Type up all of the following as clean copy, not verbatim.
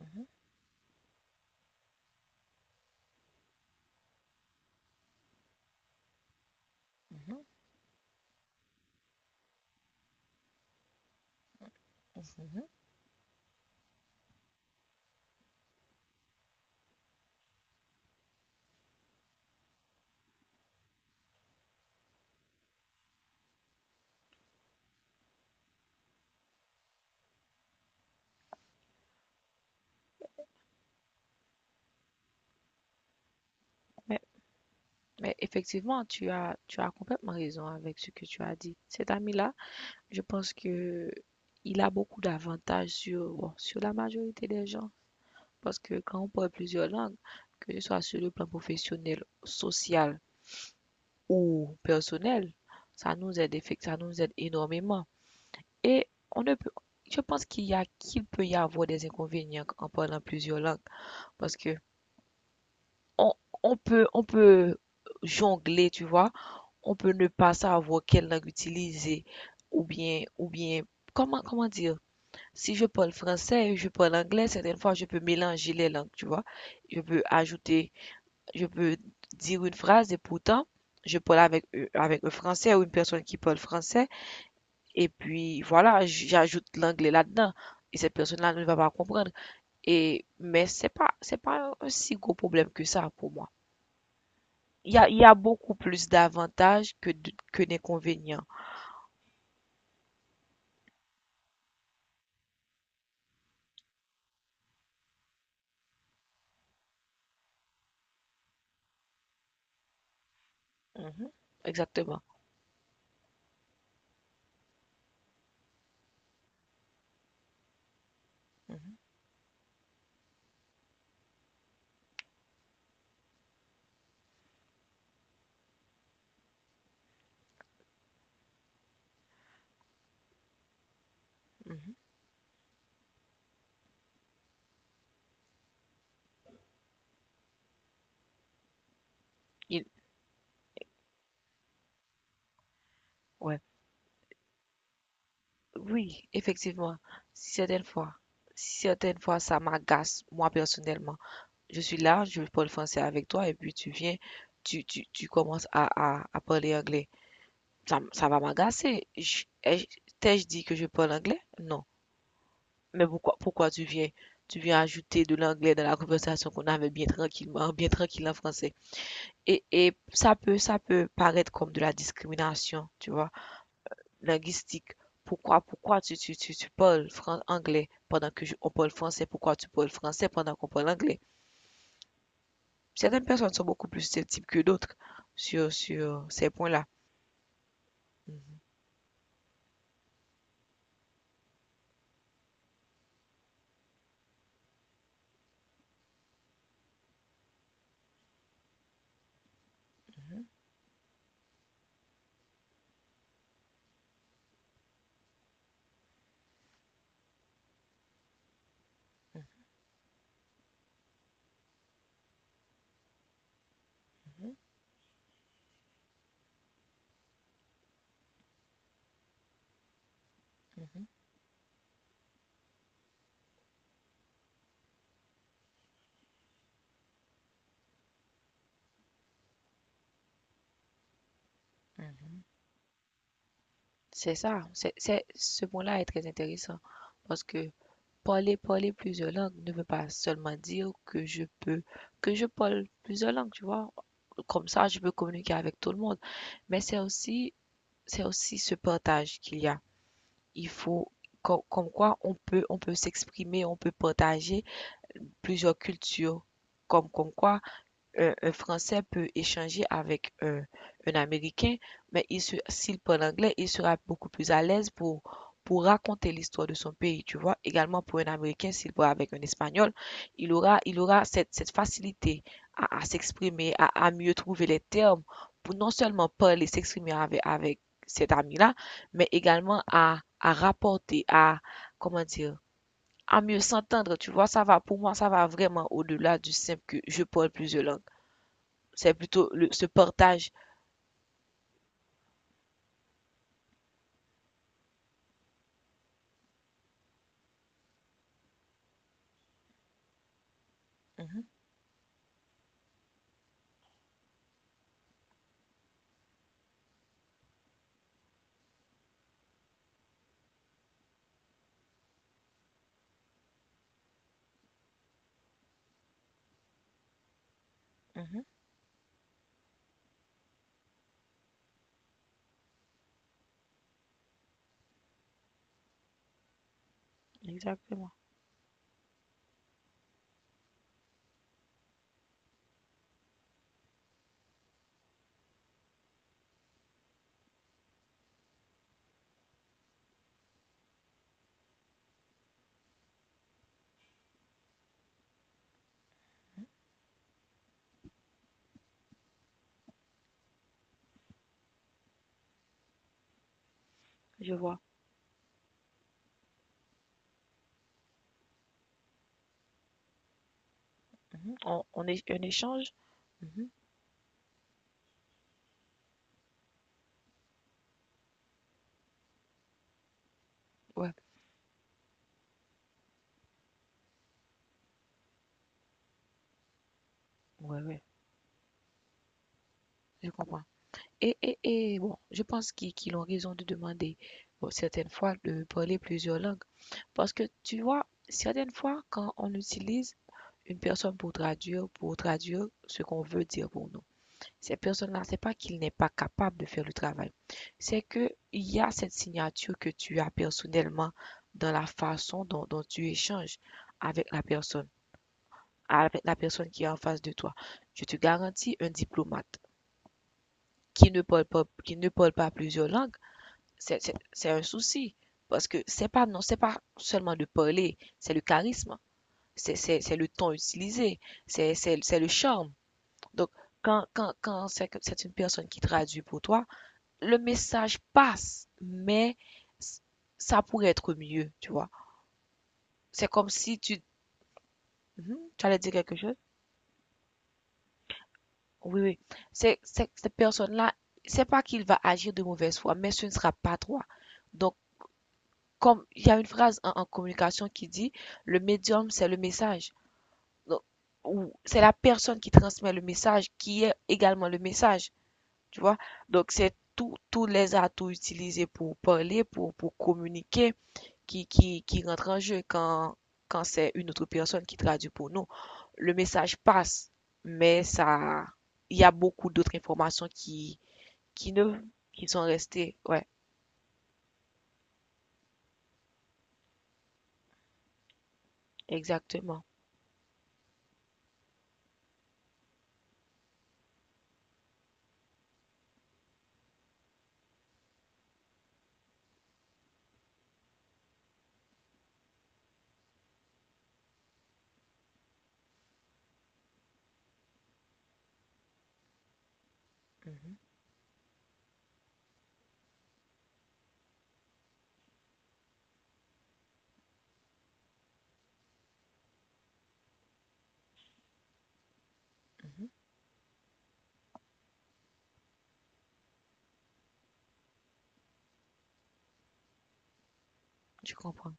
Mhm, mhm, mhm. Mais, mais effectivement, tu as complètement raison avec ce que tu as dit. Cet ami-là, je pense que il a beaucoup d'avantages sur, bon, sur la majorité des gens. Parce que quand on parle plusieurs langues, que ce soit sur le plan professionnel, social ou personnel, ça nous aide énormément. Et on ne peut, je pense qu'il peut y avoir des inconvénients en parlant plusieurs langues. Parce que on, on peut jongler, tu vois. On peut ne pas savoir quelle langue utiliser ou bien, comment dire? Si je parle français je parle anglais, certaines fois, je peux mélanger les langues, tu vois. Je peux ajouter, je peux dire une phrase et pourtant, je parle avec un français ou une personne qui parle français et puis voilà, j'ajoute l'anglais là-dedans. Et cette personne-là ne va pas comprendre. Et, mais c'est pas, un si gros problème que ça pour moi. Il y a beaucoup plus d'avantages que que d'inconvénients. Mhm. Exactement. Mhm, mhm. Il- ouais. Oui, effectivement. Certaines fois, certaines fois, ça m'agace, moi personnellement. Je suis là, je parle français avec toi, et puis tu viens, tu commences à parler anglais. Ça va m'agacer. T'ai-je dit que je parle anglais? Non. Mais pourquoi tu viens ajouter de l'anglais dans la conversation qu'on avait bien tranquillement, bien tranquille en français? Et ça peut paraître comme de la discrimination, tu vois, linguistique. Pourquoi tu parles anglais pendant que on parle français? Pourquoi tu parles français pendant qu'on parle anglais? Certaines personnes sont beaucoup plus susceptibles que d'autres sur ces points-là. Mhm, mhm, mhm. C'est ça. Ce point-là est très intéressant parce que parler plusieurs langues ne veut pas seulement dire que je parle plusieurs langues, tu vois? Comme ça, je peux communiquer avec tout le monde. Mais c'est aussi ce partage qu'il y a. Il faut comme quoi on peut s'exprimer, on peut partager plusieurs cultures. Comme quoi un Français peut échanger avec un Américain, mais s'il parle anglais, il sera beaucoup plus à l'aise pour raconter l'histoire de son pays, tu vois. Également pour un Américain, s'il parle avec un Espagnol, il aura cette, cette facilité à s'exprimer, à mieux trouver les termes pour non seulement parler, s'exprimer avec cet ami-là, mais également à rapporter, à, comment dire, à mieux s'entendre, tu vois, ça va, pour moi, ça va vraiment au-delà du simple que je parle plusieurs langues. C'est plutôt ce partage. Mhm, mhm, exactement, je vois. Mhm. On est un échange. Mhm, ouais, ouais, ouais, je comprends. Et bon, je pense qu'ils ont raison de demander, bon, certaines fois, de parler plusieurs langues. Parce que tu vois, certaines fois, quand on utilise une personne pour traduire ce qu'on veut dire pour nous. Ces personnes-là, c'est pas qu'ils n'est pas capable de faire le travail. C'est que il y a cette signature que tu as personnellement dans la façon dont tu échanges avec la personne, avec la personne qui est en face de toi. Je te garantis, un diplomate qui ne parle pas plusieurs langues, c'est un souci. Parce que c'est pas, non, c'est pas seulement de parler, c'est le charisme, c'est le ton utilisé, c'est le charme. Donc, quand c'est une personne qui traduit pour toi, le message passe, mais ça pourrait être mieux, tu vois. C'est comme si tu. Mhm, tu allais dire quelque chose? Oui, oui. Cette personne-là, c'est pas qu'il va agir de mauvaise foi, mais ce ne sera pas toi. Donc, comme il y a une phrase en communication qui dit, le médium, c'est le message. Donc, c'est la personne qui transmet le message, qui est également le message, tu vois. Donc, c'est tous les atouts utilisés pour parler, pour communiquer qui rentre en jeu quand c'est une autre personne qui traduit pour nous. Le message passe, mais ça, il y a beaucoup d'autres informations qui ne, qui sont restées. Ouais, exactement. Mhm, mhm. Je comprends.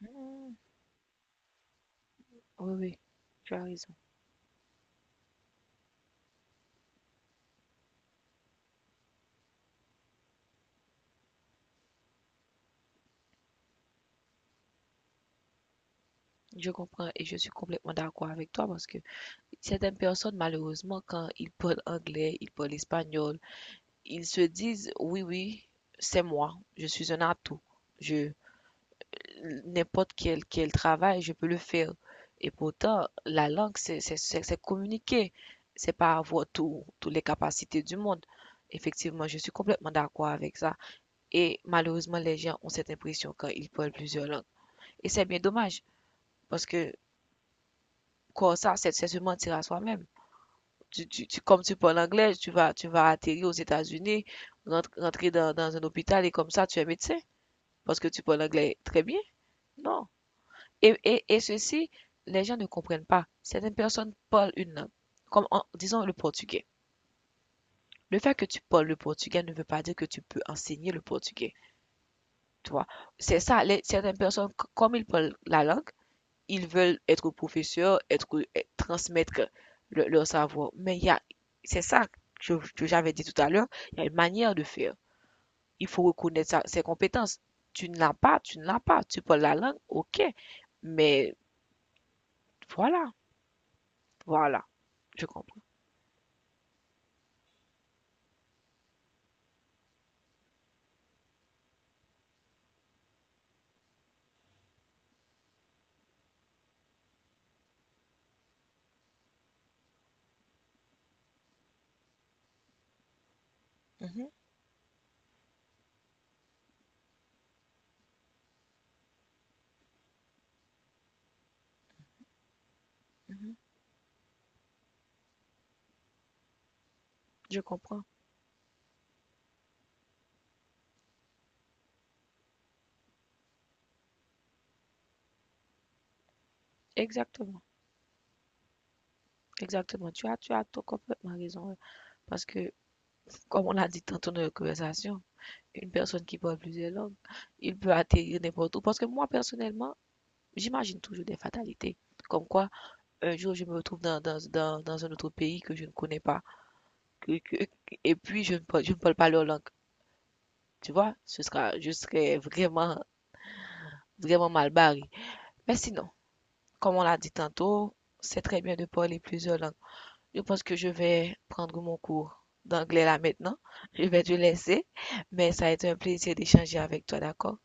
Mhm. Oui, oui, tu as raison. Je comprends et je suis complètement d'accord avec toi parce que certaines personnes, malheureusement, quand ils parlent anglais, ils parlent espagnol, ils se disent, oui, oui, c'est moi, je suis un atout. Je, n'importe quel travail, je peux le faire. Et pourtant, la langue, c'est communiquer. C'est pas avoir toutes les capacités du monde. Effectivement, je suis complètement d'accord avec ça. Et malheureusement, les gens ont cette impression quand ils parlent plusieurs langues. Et c'est bien dommage, parce que comme ça, c'est se mentir à soi-même. Comme tu parles anglais, tu vas, atterrir aux États-Unis, rentrer dans un hôpital et comme ça, tu es médecin, parce que tu parles anglais très bien. Non. Et ceci, les gens ne comprennent pas. Certaines personnes parlent une langue, comme en, disons le portugais. Le fait que tu parles le portugais ne veut pas dire que tu peux enseigner le portugais. Tu vois, c'est ça. Certaines personnes, comme ils parlent la langue, ils veulent être professeurs, transmettre leur savoir. Mais il y a, c'est ça que j'avais dit tout à l'heure, il y a une manière de faire. Il faut reconnaître ses compétences. Tu ne l'as pas, tu ne l'as pas. Tu parles la langue, ok. Mais voilà, voilà, je comprends. Mhm, mhm. Je comprends. Exactement. Exactement. Tu as tout complètement raison. Ouais. Parce que, comme on l'a dit tantôt dans la conversation, une personne qui parle plusieurs langues, il peut atterrir n'importe où. Parce que moi, personnellement, j'imagine toujours des fatalités. Comme quoi, un jour, je me retrouve dans un autre pays que je ne connais pas. que- que- et puis, je ne parle pas leur langue. Tu vois, ce sera, je serais vraiment, vraiment mal barré. Mais sinon, comme on l'a dit tantôt, c'est très bien de parler plusieurs langues. Je pense que je vais prendre mon cours d'anglais là maintenant. Je vais te laisser, mais ça a été un plaisir d'échanger avec toi, d'accord?